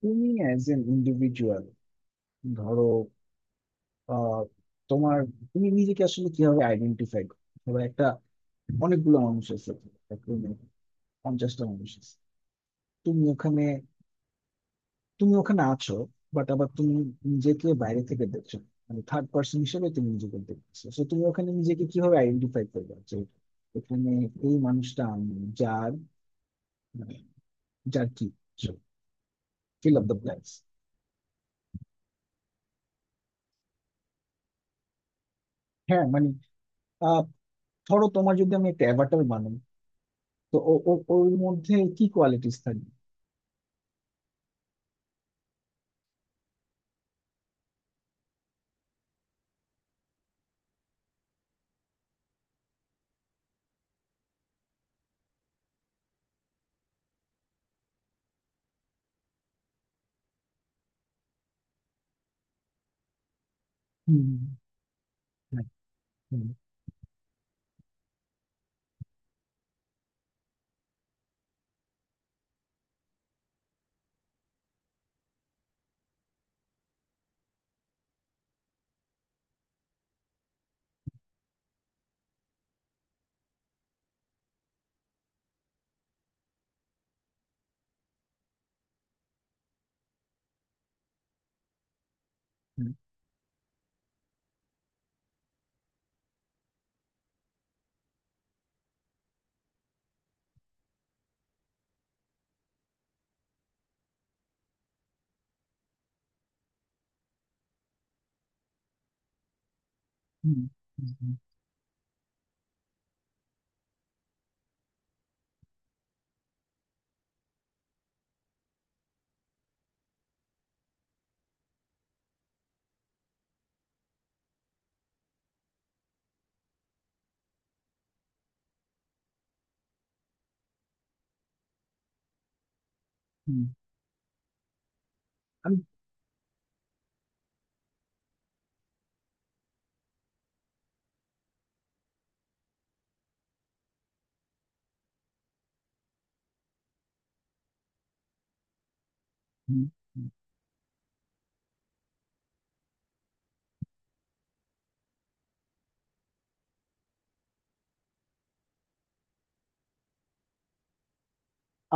তুমি as an individual ধরো আহ, তোমার তুমি নিজেকে আসলে কিভাবে আইডেন্টিফাই করো? ধরো অনেকগুলো মানুষ আছে একটা room এ, 50টা মানুষ আছে, তুমি ওখানে তুমি ওখানে আছো, বাট আবার তুমি নিজেকে বাইরে থেকে দেখছো না। মানে থার্ড পার্সন হিসেবে তুমি নিজেকে দেখছো, তো তুমি ওখানে নিজেকে কিভাবে আইডেন্টিফাই করবে যে এখানে এই মানুষটা আমি, মানে যার কি, ফিল অফ দ্য ব্ল্যাঙ্কস। হ্যাঁ মানে, আহ ধরো তোমার, যদি আমি একটা অ্যাভাটার বানাই, তো ও ও- ওর মধ্যে কি কোয়ালিটিস থাকে? হুম, হুম, হুম, হুম, হুম, হুম, হুম, হুম। আমি, হুম, হুম।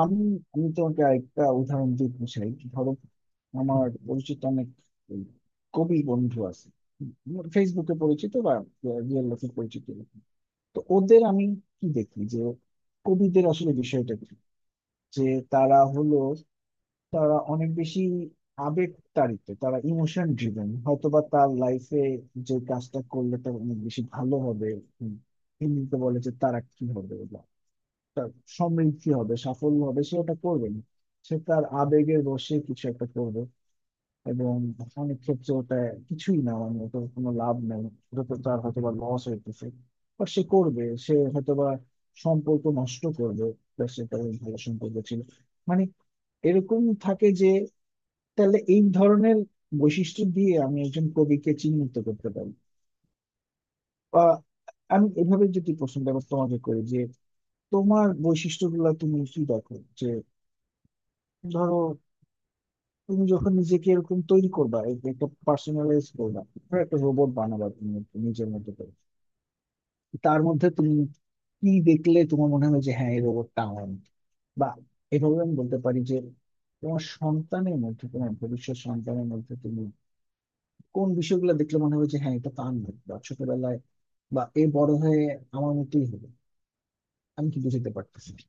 আমি আমি তোমাকে একটা উদাহরণ দিতে চাই। ধরো, আমার পরিচিত অনেক এই, কবি বন্ধু আছে, আমার ফেসবুকে পরিচিত বা রিয়েল লাইফে পরিচিত এরকম। তো ওদের আমি কি দেখি, যে কবিদের আসলে বিষয়টা কি, যে তারা হলো, তারা অনেক বেশি আবেগ তাড়িত, তারা ইমোশন ড্রিভেন। হয়তোবা তার লাইফে যে কাজটা করলে তার অনেক বেশি ভালো হবে, উম, হিন্দিতে বলে যে তারা কি হবে, বা তার সমৃদ্ধি হবে, সাফল্য হবে, সে ওটা করবে না, সে তার আবেগের বশে কিছু একটা করবে। এবং অনেক ক্ষেত্রে ওটা কিছুই না, মানে ওটার কোনো লাভ নেই, ওটা তো তার হয়তোবা লস হইতেছে, বা সে করবে, সে হয়তোবা সম্পর্ক নষ্ট করবে, তার সাথে তার ভালো সম্পর্ক ছিল। মানে এরকম থাকে যে, তাহলে এই ধরনের বৈশিষ্ট্য দিয়ে আমি একজন কবিকে চিহ্নিত করতে পারি। বা আমি এভাবে যদি প্রশ্নটা এবার তোমাকে করি, যে তোমার বৈশিষ্ট্যগুলো তুমি কি দেখো, যে ধরো তুমি যখন নিজেকে এরকম তৈরি করবা, একটা পার্সোনালাইজ করবা, ধরো একটা রোবট বানাবা তুমি, একটু নিজের মতো করে, তার মধ্যে তুমি কি দেখলে তোমার মনে হবে যে হ্যাঁ এই রোবটটা আমার মতো? বা এভাবে আমি বলতে পারি যে, তোমার সন্তানের মধ্যে, তোমার ভবিষ্যৎ সন্তানের মধ্যে তুমি কোন বিষয়গুলো দেখলে মনে হবে যে হ্যাঁ এটা তো আমি, বা ছোটবেলায়, বা এই বড় হয়ে আমার মতোই হবে। আমি কি বুঝতে পারতেছি না।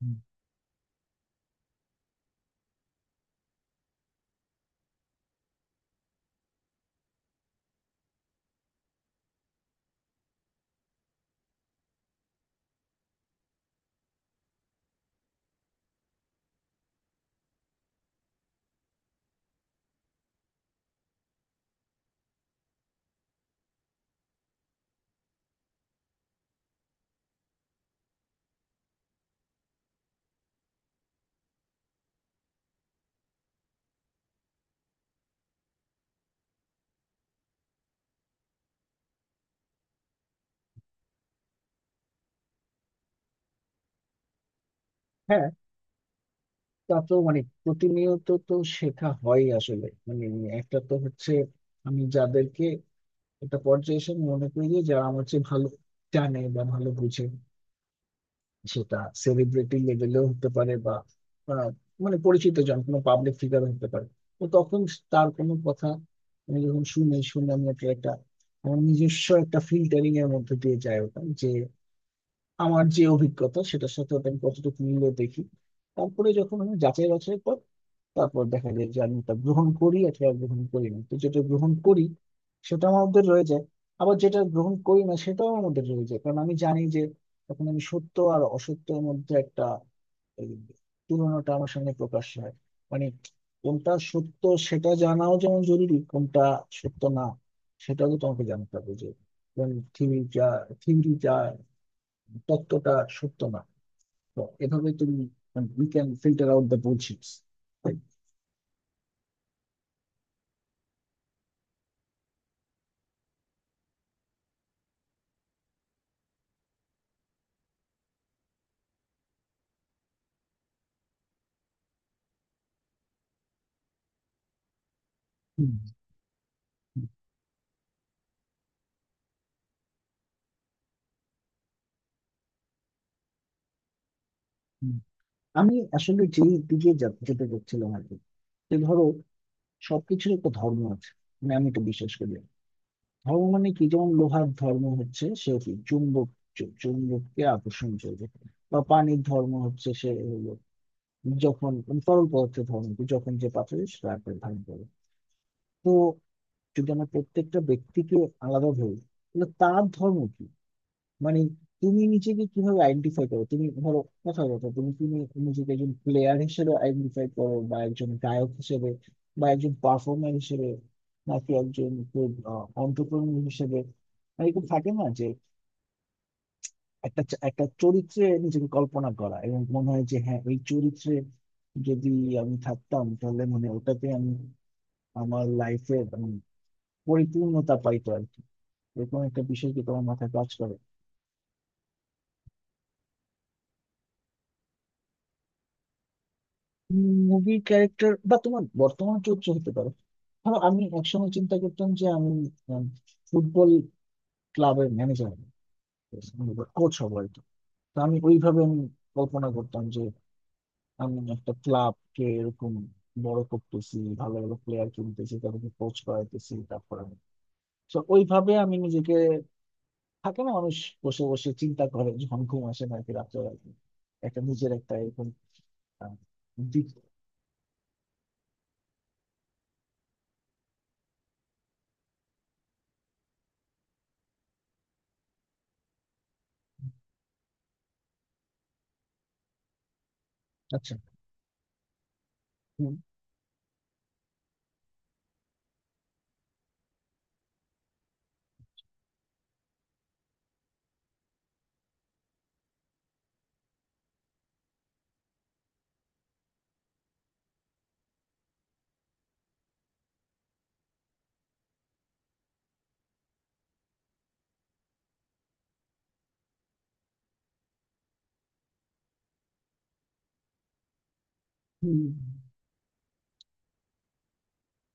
হুম। হ্যাঁ তা তো মানে প্রতিনিয়ত তো শেখা হয় আসলে। মানে একটা তো হচ্ছে, আমি যাদেরকে একটা পর্যায়ে এসে আমি মনে করি যে যারা আমার চেয়ে ভালো জানে বা ভালো বুঝে, সেটা সেলিব্রিটি লেভেলেও হতে পারে, বা আহ, মানে পরিচিত জন, কোনো পাবলিক ফিগার হতে পারে। তো তখন তার কোনো কথা আমি যখন শুনি, শুনে আমি একটা, আমার নিজস্ব একটা ফিল্টারিং এর মধ্যে দিয়ে যায় ওটা, যে আমার যে অভিজ্ঞতা, সেটার সাথে ওটা আমি কতটুকু মিলে দেখি। তারপরে যখন আমি যাচাই বাছাই করি, তারপর দেখা যায় যে আমি তা গ্রহণ করি অথবা গ্রহণ করি না। তো যেটা গ্রহণ করি সেটা আমার মধ্যে রয়ে যায়, আবার যেটা গ্রহণ করি না সেটাও আমার মধ্যে রয়ে যায়, কারণ আমি জানি যে তখন আমি সত্য আর অসত্যের মধ্যে একটা এই তুলনাটা আমার সামনে প্রকাশ হয়। মানে কোনটা সত্য সেটা জানাও যেমন জরুরি, কোনটা সত্য না সেটাও তো তোমাকে জানতে হবে, যে থিওরি যা থিওরি যা তত্ত্বটা সত্য না। তো এভাবে তুমি, we can filter out the bullshits. Hmm. আমি আসলে যে দিকে যেতে চাচ্ছিলাম আর কি, যে ধরো সবকিছুর একটা ধর্ম আছে, মানে আমি এটা বিশ্বাস করি। ধর্ম মানে কি, যেমন লোহার ধর্ম হচ্ছে সে কি, চুম্বক, চুম্বককে আকর্ষণ করবে। বা পানির ধর্ম হচ্ছে, সে হলো যখন মানে তরল পদার্থের ধর্ম কি, যখন যে পাথরে সেটা আকার ধারণ করে। তো যদি আমরা প্রত্যেকটা ব্যক্তিকে আলাদা ধরি, তাহলে তার ধর্ম কি? মানে তুমি নিজেকে কিভাবে আইডেন্টিফাই করো? তুমি ধরো, কথা কথা, তুমি তুমি নিজেকে একজন প্লেয়ার হিসেবে আইডেন্টিফাই করো, বা একজন গায়ক হিসেবে, বা একজন পারফর্মার হিসেবে, নাকি একজন অন্টারপ্রেনিউর হিসেবে। মানে এরকম থাকে না যে একটা চরিত্রে নিজেকে কল্পনা করা, এবং মনে হয় যে হ্যাঁ এই চরিত্রে যদি আমি থাকতাম তাহলে মানে ওটাতে আমি, আমার লাইফে পরিপূর্ণতা পাইতো আর কি। এরকম একটা বিষয় কি তোমার মাথায় কাজ করে? মুভি ক্যারেক্টার, বা তোমার বর্তমান চরিত্র হতে পারে। ধরো আমি একসময় চিন্তা করতাম যে আমি উম, ফুটবল ক্লাবের ম্যানেজার, কোচ হবো আর কি। তো আমি ওইভাবে আমি কল্পনা করতাম যে আমি একটা ক্লাবকে এরকম বড় করতেছি, ভালো ভালো প্লেয়ার কিনতেছি, তাদেরকে কোচ করাইতেছি, তারপর আমি, তো ওইভাবে আমি নিজেকে। থাকে না মানুষ বসে বসে চিন্তা করে যখন ঘুম আসে না আর কি, রাত্রে রাত্রে। একটা নিজের একটা এরকম আহ, দিক। আচ্ছা, হুম, হুম,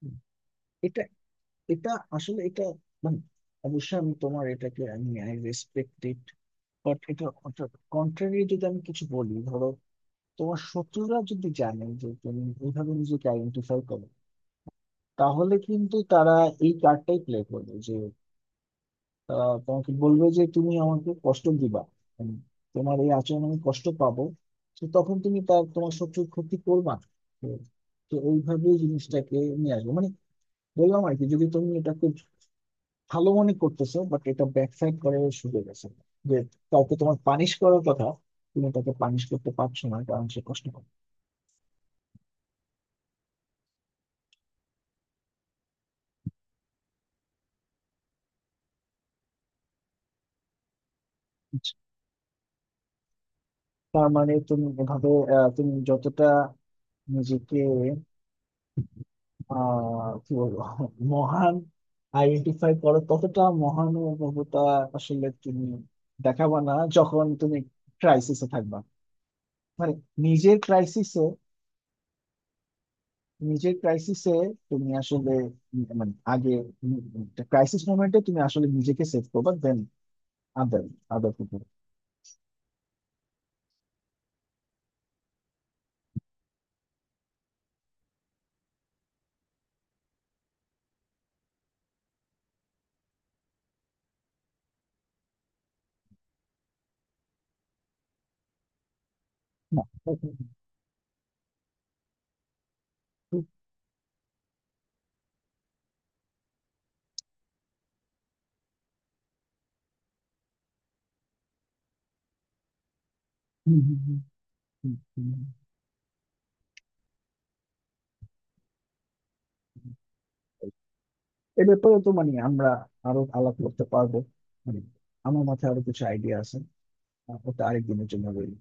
হুম। এটা এটা আসলে এটা মানে, অবশ্যই আমি তোমার এটাকে আমি আই রেসপেক্ট ইট, বাট এটা কন্ট্রারি যদি আমি কিছু বলি। ধরো তোমার শত্রুরা যদি জানে যে তুমি এইভাবে নিজেকে আইডেন্টিফাই করো, তাহলে কিন্তু তারা এই কার্ডটাই প্লে করবে, যে তারা তোমাকে বলবে যে তুমি আমাকে কষ্ট দিবা, মানে তোমার এই আচরণ আমি কষ্ট পাবো, তো তখন তুমি তার, তোমার শত্রুর ক্ষতি করবা না। তো তো ওইভাবেই জিনিসটাকে নিয়ে আসবে মানে, বললাম আর কি, যদি তুমি এটাকে ভালো মনে করতেছো, বাট এটা ব্যাকসাইড করে শুরু গেছে, যে কাউকে তোমার পানিশ করার কথা, তুমি তাকে পানিশ করতে পারছো না কারণ সে কষ্ট করে। তার মানে তুমি এভাবে, তুমি যতটা নিজেকে, কি বলবো, মহান আইডেন্টিফাই করো, ততটা মহানুভবতা আসলে তুমি দেখাবা না যখন তুমি ক্রাইসিসে থাকবা, মানে নিজের ক্রাইসিসে। নিজের ক্রাইসিসে তুমি আসলে, মানে আগে, ক্রাইসিস মোমেন্টে তুমি আসলে নিজেকে সেভ করবা, দেন আদার আদার পিপল। না। হুম, হুম, হুম, হুম, হুম। এ ব্যাপারে তো মানে আমরা আরো আলাপ করতে পারবো, মানে আমার মাথায় আরো কিছু আইডিয়া আছে। ওটা আরেকদিনের জন্য রইলো।